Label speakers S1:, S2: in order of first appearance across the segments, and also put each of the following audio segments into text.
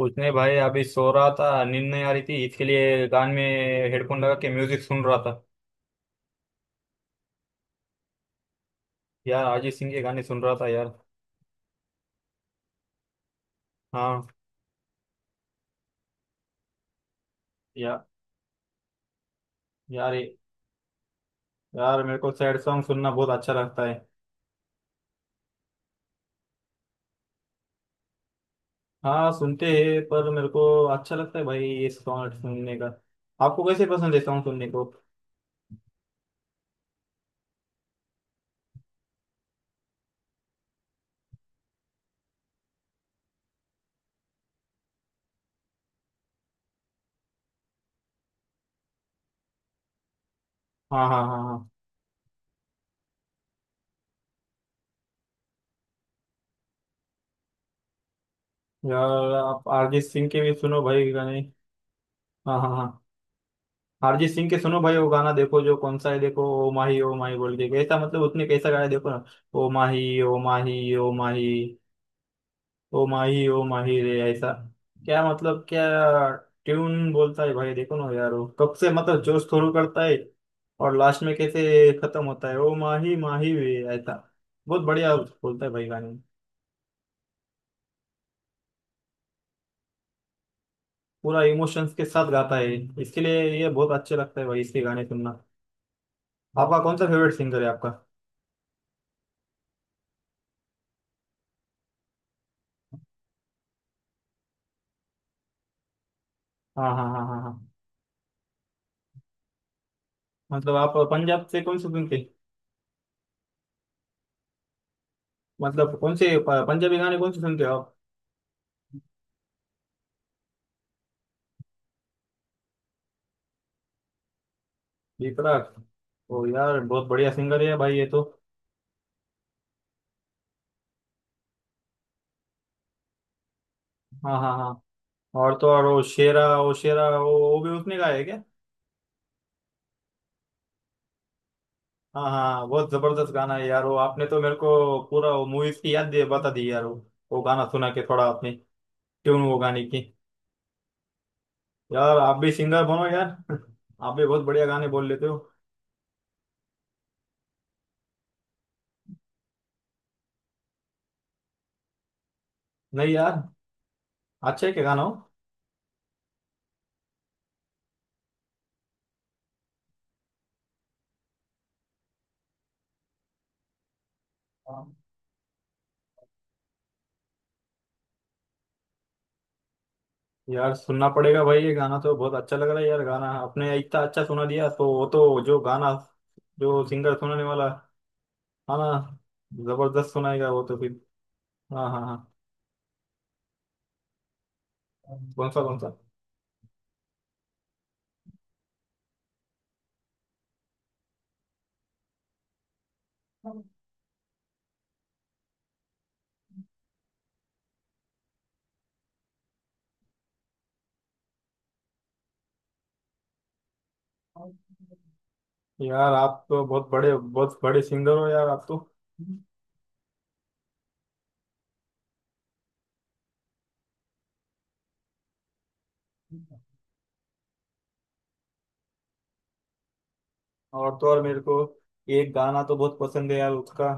S1: कुछ नहीं भाई, अभी सो रहा था। नींद नहीं आ रही थी, इसके लिए कान में हेडफोन लगा के म्यूजिक सुन रहा था। यार अरिजीत सिंह के गाने सुन रहा था यार। हाँ। यार यार यार मेरे को सैड सॉन्ग सुनना बहुत अच्छा लगता है। हाँ सुनते हैं, पर मेरे को अच्छा लगता है भाई ये सॉन्ग सुनने का। आपको कैसे पसंद है सॉन्ग सुनने को? हाँ हाँ हाँ हाँ। यार आप अरिजीत सिंह के भी सुनो भाई गाने। हाँ हाँ हाँ। अरिजीत सिंह के सुनो भाई, वो गाना देखो जो कौन सा है, देखो, ओ माही बोल के, कैसा मतलब उसने कैसा गाया देखो ना। ओ माही ओ माही ओ माही, ओ माही ओ माही रे, ऐसा क्या मतलब क्या ट्यून बोलता है भाई। देखो ना यार, वो कब से मतलब जोश शुरू करता है, और लास्ट में कैसे खत्म होता है। ओ माही माही रे, ऐसा बहुत बढ़िया बोलता है भाई गाने। पूरा इमोशंस के साथ गाता है। इसके लिए ये बहुत अच्छे लगता है भाई, इसके गाने सुनना। आपका कौन सा फेवरेट सिंगर है आपका? हाँ हाँ हाँ हाँ हाँ। मतलब आप पंजाब से कौन से सुनते, मतलब कौन से पंजाबी गाने कौन से सुनते हो आप? विपराग। ओ यार, बहुत बढ़िया सिंगर है भाई ये तो। हाँ हाँ हाँ। और तो और वो शेरा, वो शेरा, वो भी उसने गाया है क्या? हाँ हाँ हाँ, बहुत जबरदस्त गाना है यार वो। आपने तो मेरे को पूरा वो मूवीज की याद दे बता दी यार वो गाना सुना के थोड़ा आपने, ट्यून वो गाने की। यार आप भी सिंगर बनो यार। आप भी बहुत बढ़िया गाने बोल लेते हो। नहीं यार, अच्छा है क्या गाना? हो यार, सुनना पड़ेगा भाई ये गाना, तो बहुत अच्छा लग रहा है यार गाना, आपने इतना अच्छा सुना दिया, तो वो तो जो गाना, जो सिंगर सुनाने वाला। हाँ ना, जबरदस्त सुनाएगा वो तो फिर। हाँ हाँ हाँ। कौन सा कौन सा? यार आप तो बहुत बड़े सिंगर हो यार आप तो। और तो और मेरे को एक गाना तो बहुत पसंद है यार उसका।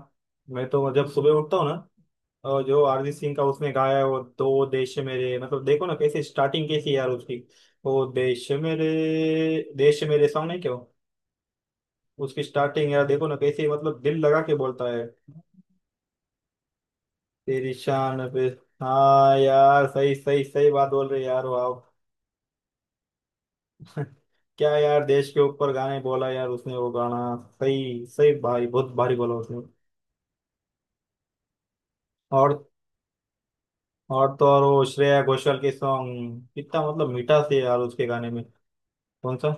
S1: मैं तो जब सुबह उठता हूँ ना, और जो अरिजीत सिंह का उसने गाया है, वो दो देश मेरे, मतलब देखो ना कैसे स्टार्टिंग कैसी है यार उसकी। वो देश मेरे, देश मेरे सॉन्ग है क्यों। उसकी स्टार्टिंग यार देखो ना, कैसे मतलब दिल लगा के बोलता है। तेरी शान पे। हाँ यार, सही सही सही बात बोल रहे यार, वाह। क्या यार, देश के ऊपर गाने बोला यार उसने वो गाना। सही सही, भारी बहुत भारी बोला उसने। और और तो और वो श्रेया घोषाल के सॉन्ग कितना मतलब मीठा से यार उसके गाने में। कौन सा?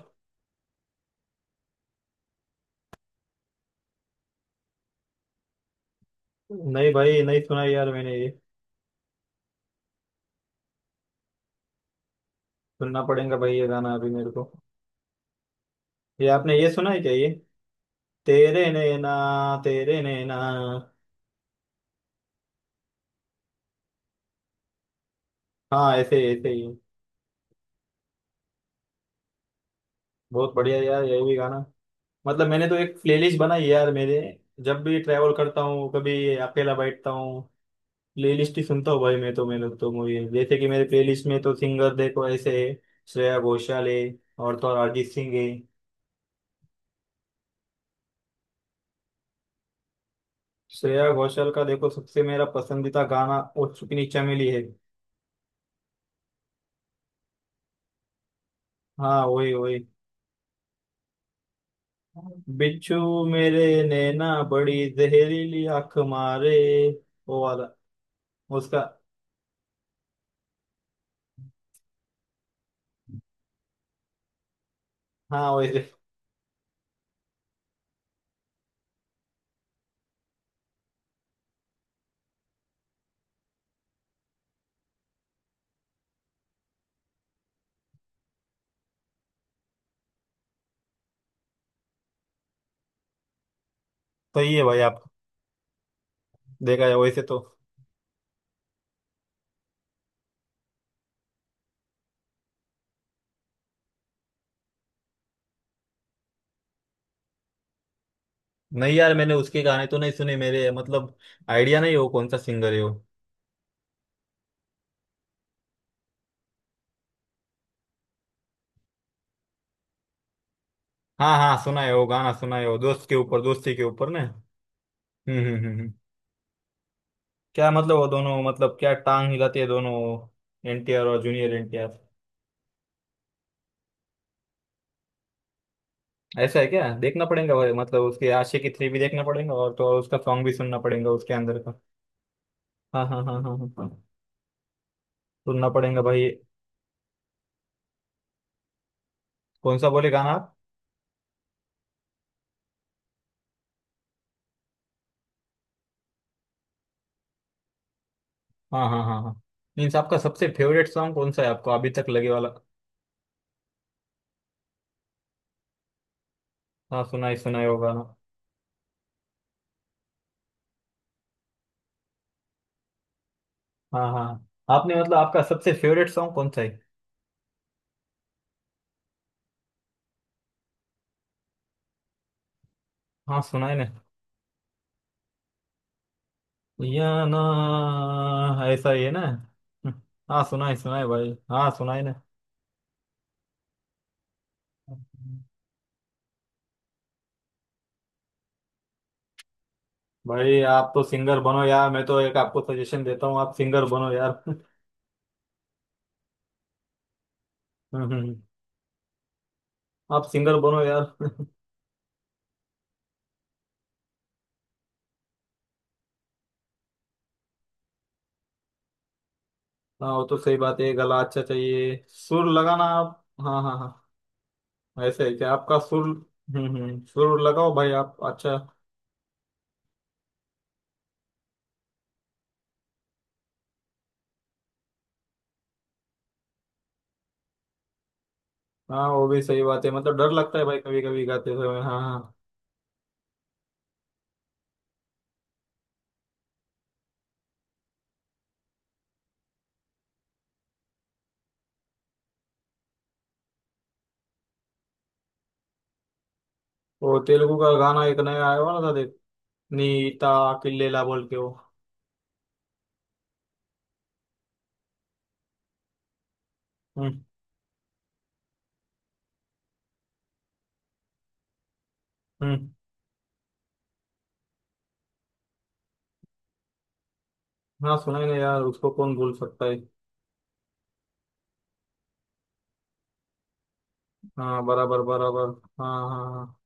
S1: नहीं भाई, नहीं सुना यार मैंने ये। सुनना पड़ेगा भाई ये गाना अभी मेरे को। ये आपने ये सुना है क्या ये? तेरे नैना, तेरे नैना। हाँ ऐसे ही ऐसे ही। बहुत बढ़िया यार ये भी गाना। मतलब मैंने तो एक प्लेलिस्ट बनाई है यार मेरे। जब भी ट्रैवल करता हूँ कभी अकेला बैठता हूँ, प्लेलिस्ट ही सुनता हूँ भाई मैं तो। मेरे तो मूवी जैसे कि मेरे प्लेलिस्ट में तो सिंगर देखो ऐसे है। श्रेया घोषाल है, और तो और अरिजीत सिंह है। श्रेया घोषाल का देखो सबसे मेरा पसंदीदा गाना, ओ चुप नीचा मिली है। हाँ वही वही। बिच्छू मेरे, नैना बड़ी जहरीली आंख मारे, वो वाला, उसका। हाँ वैसे। सही है भाई आप, देखा है वैसे तो। नहीं यार, मैंने उसके गाने तो नहीं सुने मेरे, मतलब आइडिया नहीं हो कौन सा सिंगर है वो। हाँ हाँ सुना है वो गाना, सुना है वो दोस्त के ऊपर दोस्ती के ऊपर ने। हम्म हम्म हम्म हम्म। क्या मतलब वो दोनों मतलब क्या टांग हिलाते हैं दोनों, एनटीआर और जूनियर एनटीआर? ऐसा है क्या? देखना पड़ेगा भाई, मतलब उसके आशिकी 3 भी देखना पड़ेगा, और तो और उसका सॉन्ग भी सुनना पड़ेगा उसके अंदर का। हाँ हाँ हाँ हाँ हाँ हाँ। सुनना पड़ेगा भाई। कौन सा बोले गाना आप? हाँ हाँ हाँ हाँ। मीन्स आपका सबसे फेवरेट सॉन्ग कौन सा है आपको अभी तक लगे वाला? हाँ सुना ही होगा ना। हाँ हाँ। आपने मतलब आपका सबसे फेवरेट सॉन्ग कौन सा है? हाँ सुना है ना। या ना ऐसा ही है ना। हाँ सुना है भाई, हाँ सुना है ना। भाई आप तो सिंगर बनो यार, मैं तो एक आपको सजेशन देता हूँ, आप सिंगर बनो यार। हम्म हम्म। आप सिंगर बनो यार। हाँ वो तो सही बात है, गला अच्छा चाहिए, सुर लगाना आप। हाँ हाँ हाँ। ऐसे है क्या आपका सुर? हम्म, सुर लगाओ भाई आप अच्छा। हाँ वो भी सही बात है, मतलब डर लगता है भाई कभी कभी गाते समय। हाँ हाँ। वो तेलुगु का गाना एक नया आया हुआ ना था देख, नीता किल्लेला बोल के वो। हम्म हम्म। हाँ सुना ही नहीं यार, उसको कौन भूल सकता है। हाँ बराबर बराबर। हाँ हाँ हाँ।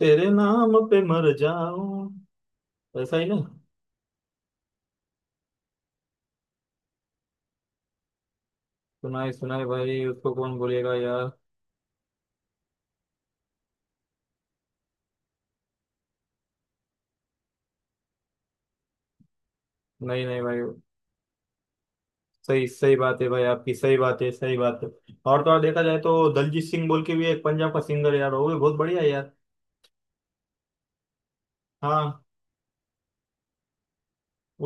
S1: तेरे नाम पे मर जाऊं, ऐसा ही ना। सुनाई सुनाई भाई, उसको कौन बोलेगा यार। नहीं नहीं भाई, सही सही बात है भाई, आपकी सही बात है, सही बात है। और तो और देखा जाए तो दलजीत सिंह बोल के भी एक पंजाब का सिंगर यार, वो भी बहुत बढ़िया है यार। हाँ।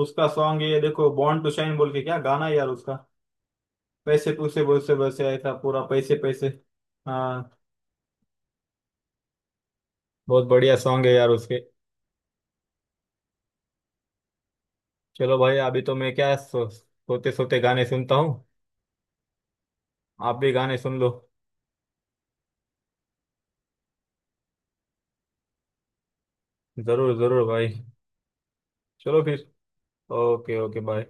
S1: उसका सॉन्ग ये देखो, बॉर्न टू शाइन बोल के, क्या गाना है यार उसका। पैसे पूसे बोसे वैसे, ऐसा पूरा पैसे पैसे। हाँ। बहुत बढ़िया सॉन्ग है यार उसके। चलो भाई, अभी तो मैं क्या, सोते सोते गाने सुनता हूँ। आप भी गाने सुन लो। जरूर जरूर भाई। चलो फिर। Okay okay bye.